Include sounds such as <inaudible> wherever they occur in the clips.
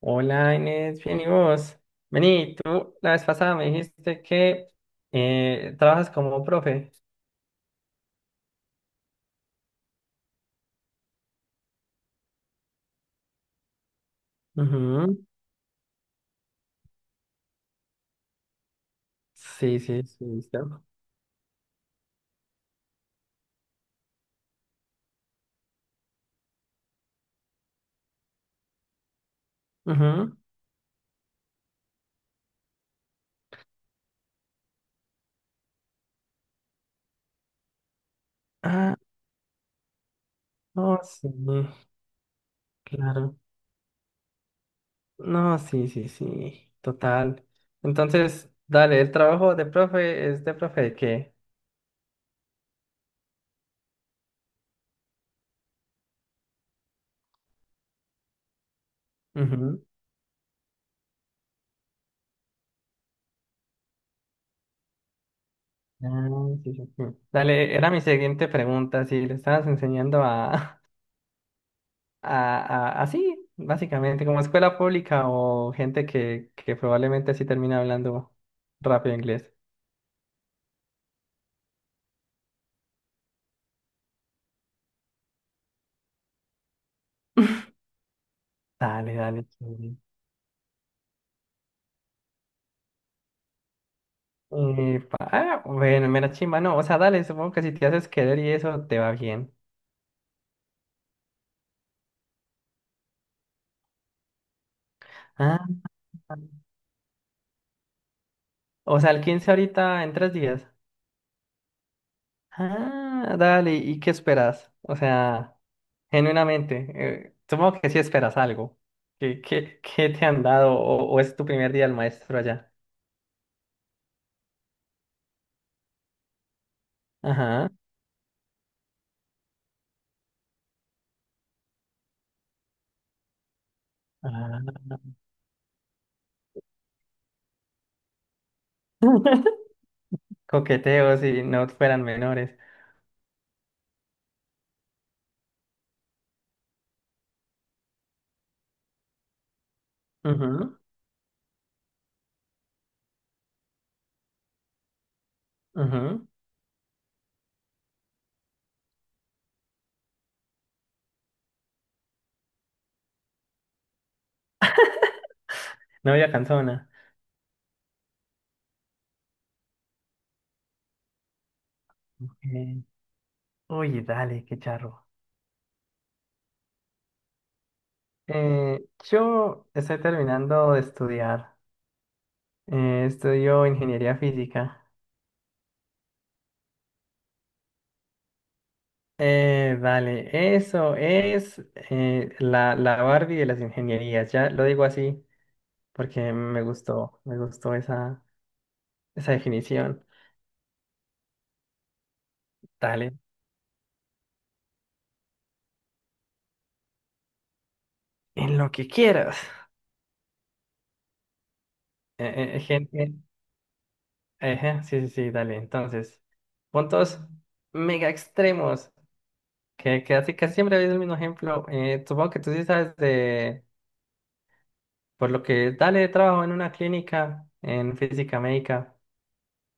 Hola Inés, bien y vos. Vení, tú la vez pasada me dijiste que trabajas como profe. Ujú. Sí, sí, sí, listo. Ujú. Ah, no, sí, claro. No, sí, sí, sí, total. Entonces, dale, el trabajo de profe es de profe de qué? Ujú. Ah, sí, sí, sí. Dale, era mi siguiente pregunta, si le estabas enseñando a, <laughs> así, básicamente, como escuela pública o gente que probablemente sí termina hablando rápido inglés. Dale, dale, chévere. Epa, ah, bueno, mera chimba, no, o sea, dale, supongo que si te haces querer y eso te va bien. Ah, o sea, el 15 ahorita en tres días. Ah, dale, ¿y qué esperas? O sea, genuinamente, supongo que sí esperas algo. ¿Qué, qué, qué te han dado o es tu primer día del maestro allá? Ajá. Ah. <laughs> Coqueteos y no fueran menores. Ujú, ujú. Novia canzona. Eh, uy, dale, qué charro. Yo estoy terminando de estudiar. Estudio ingeniería física. Dale, eso es la Barbie de las ingenierías. Ya lo digo así porque me gustó esa, esa definición. Dale, en lo que quieras. Eh, eh, gen- Ejé, sí, sí, sí, dale. Entonces, puntos mega extremos, que así casi siempre habéis el mismo ejemplo. Supongo que tú sí sabes de, por lo que dale trabajo en una clínica en física médica.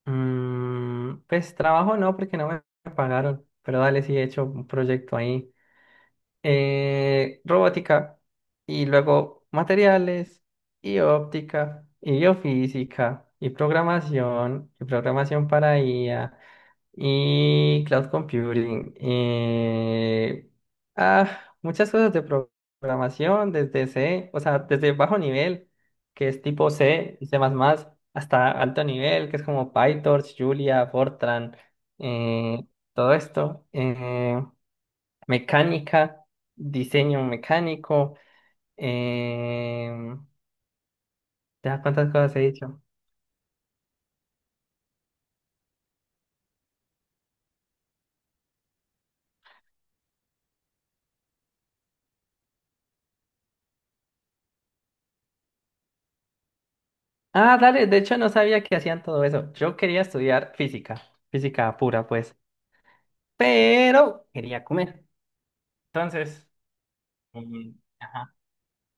Mm, pues trabajo no, porque no me pagaron, pero dale, sí he hecho un proyecto ahí. Robótica, y luego materiales, y óptica, y biofísica, y programación para IA y cloud computing. Muchas cosas de programación, desde C, o sea, desde bajo nivel, que es tipo C, C++, hasta alto nivel, que es como PyTorch, Julia, Fortran, eh, todo esto. Mecánica, diseño mecánico. Eh, ¿Ya cuántas cosas he dicho? Ah, dale, de hecho no sabía que hacían todo eso. Yo quería estudiar física, física pura, pues. Pero quería comer. Entonces, mm, ajá,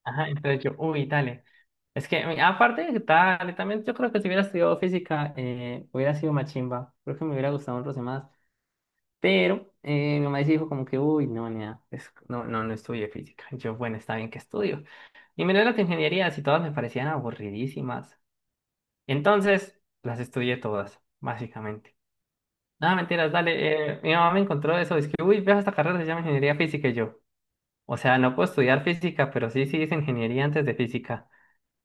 ajá, entonces yo, uy, dale. Es que mm, aparte de que dale, también yo creo que si hubiera estudiado física, hubiera sido más chimba. Creo que me hubiera gustado otros demás. Pero mi mamá sí dijo como que, uy, no, nea, no, no, no estudié física. Y yo, bueno, está bien que estudio. Y miré las ingenierías y todas me parecían aburridísimas. Entonces, las estudié todas, básicamente. Nada, mentiras, dale. Mi mamá me encontró eso, es que, uy, veo esta carrera, se llama ingeniería física y yo. O sea, no puedo estudiar física, pero sí, sí hice ingeniería antes de física.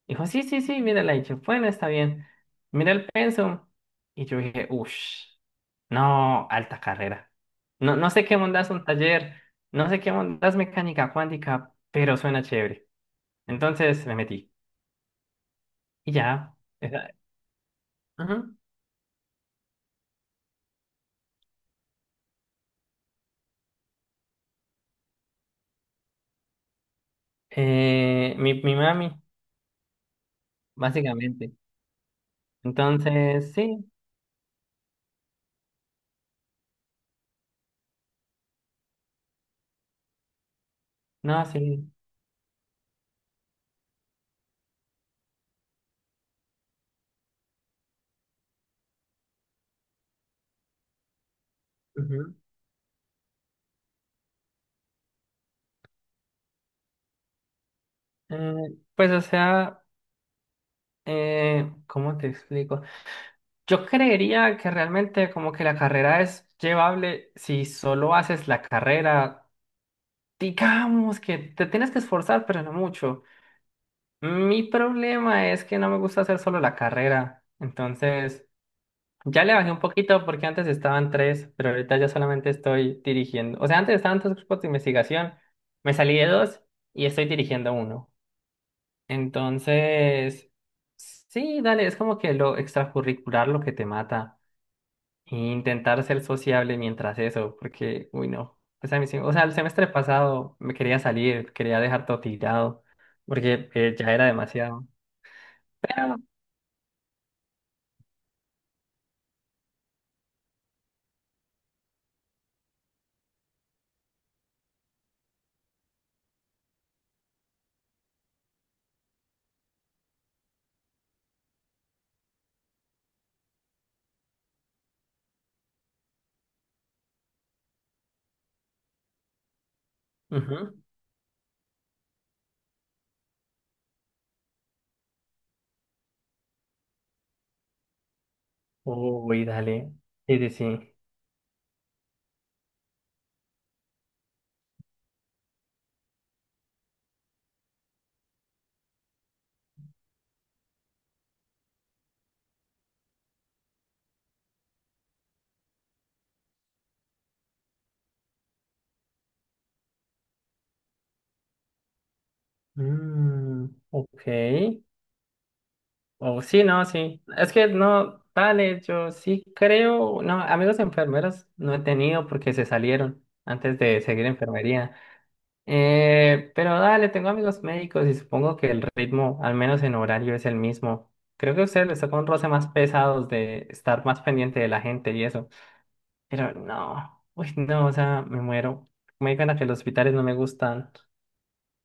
Dijo, sí, sí, sí, mírala. Y yo, bueno, está bien. Mira el pensum. Y yo dije, uff, no, alta carrera. No, no sé qué mondas un taller, no sé qué mondas mecánica cuántica, pero suena chévere. Entonces me metí. Y ya. Esa... ajá. Mi mami, básicamente. Entonces, sí, no, sí. Ujú. Eh, pues, o sea, ¿cómo te explico? Yo creería que realmente como que la carrera es llevable si solo haces la carrera, digamos que te tienes que esforzar, pero no mucho. Mi problema es que no me gusta hacer solo la carrera, entonces ya le bajé un poquito porque antes estaban tres, pero ahorita ya solamente estoy dirigiendo. O sea, antes estaban tres grupos de investigación, me salí de dos y estoy dirigiendo uno. Entonces, sí, dale, es como que lo extracurricular lo que te mata. E intentar ser sociable mientras eso, porque, uy, no. Pues a mí sí, o sea, el semestre pasado me quería salir, quería dejar todo tirado, porque ya era demasiado. Pero, ujú. Uy, dale. Sí, sí, sí. Mm, ok. Oh, sí, no, sí. Es que no, dale, yo sí creo. No, amigos enfermeros no he tenido porque se salieron antes de seguir enfermería. Pero dale, tengo amigos médicos y supongo que el ritmo, al menos en horario, es el mismo. Creo que a ustedes les toca un roce más pesados de estar más pendiente de la gente y eso. Pero no, uy, no, o sea, me muero. Me digan a que los hospitales no me gustan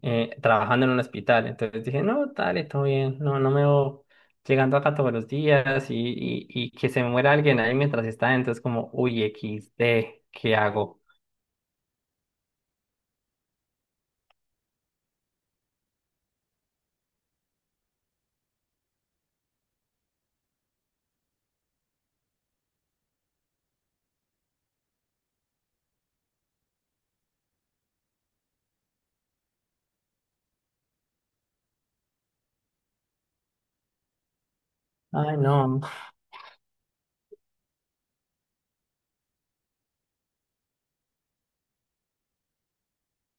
trabajando en un hospital. Entonces dije, no, dale, todo bien. No, no me voy llegando acá todos los días y, y que se me muera alguien ahí mientras está. Entonces, como, uy, XD, ¿qué hago? Ay, no.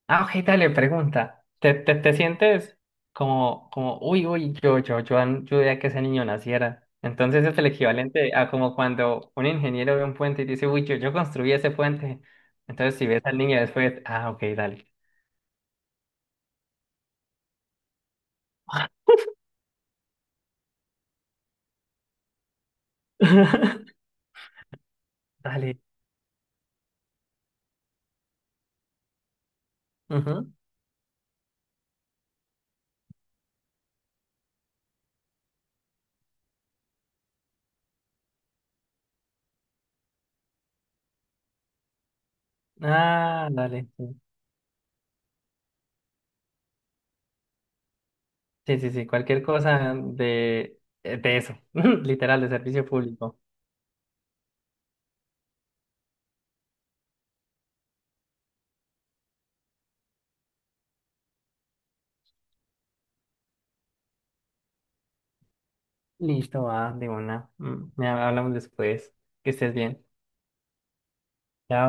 Ah, Ojeda dale, pregunta, ¿te, te sientes como, uy, uy, yo, yo ayudé a que ese niño naciera? Entonces es el equivalente a como cuando un ingeniero ve un puente y dice, uy, yo construí ese puente. Entonces si ves al niño después, ah, ok, dale. <laughs> Dale. Ujú. Ah, dale. Sí, sí, sí, sí, cualquier cosa de eso, <laughs> literal, de servicio público. Listo, va, de una. Mm, ya hablamos después. Que estés bien. Chao.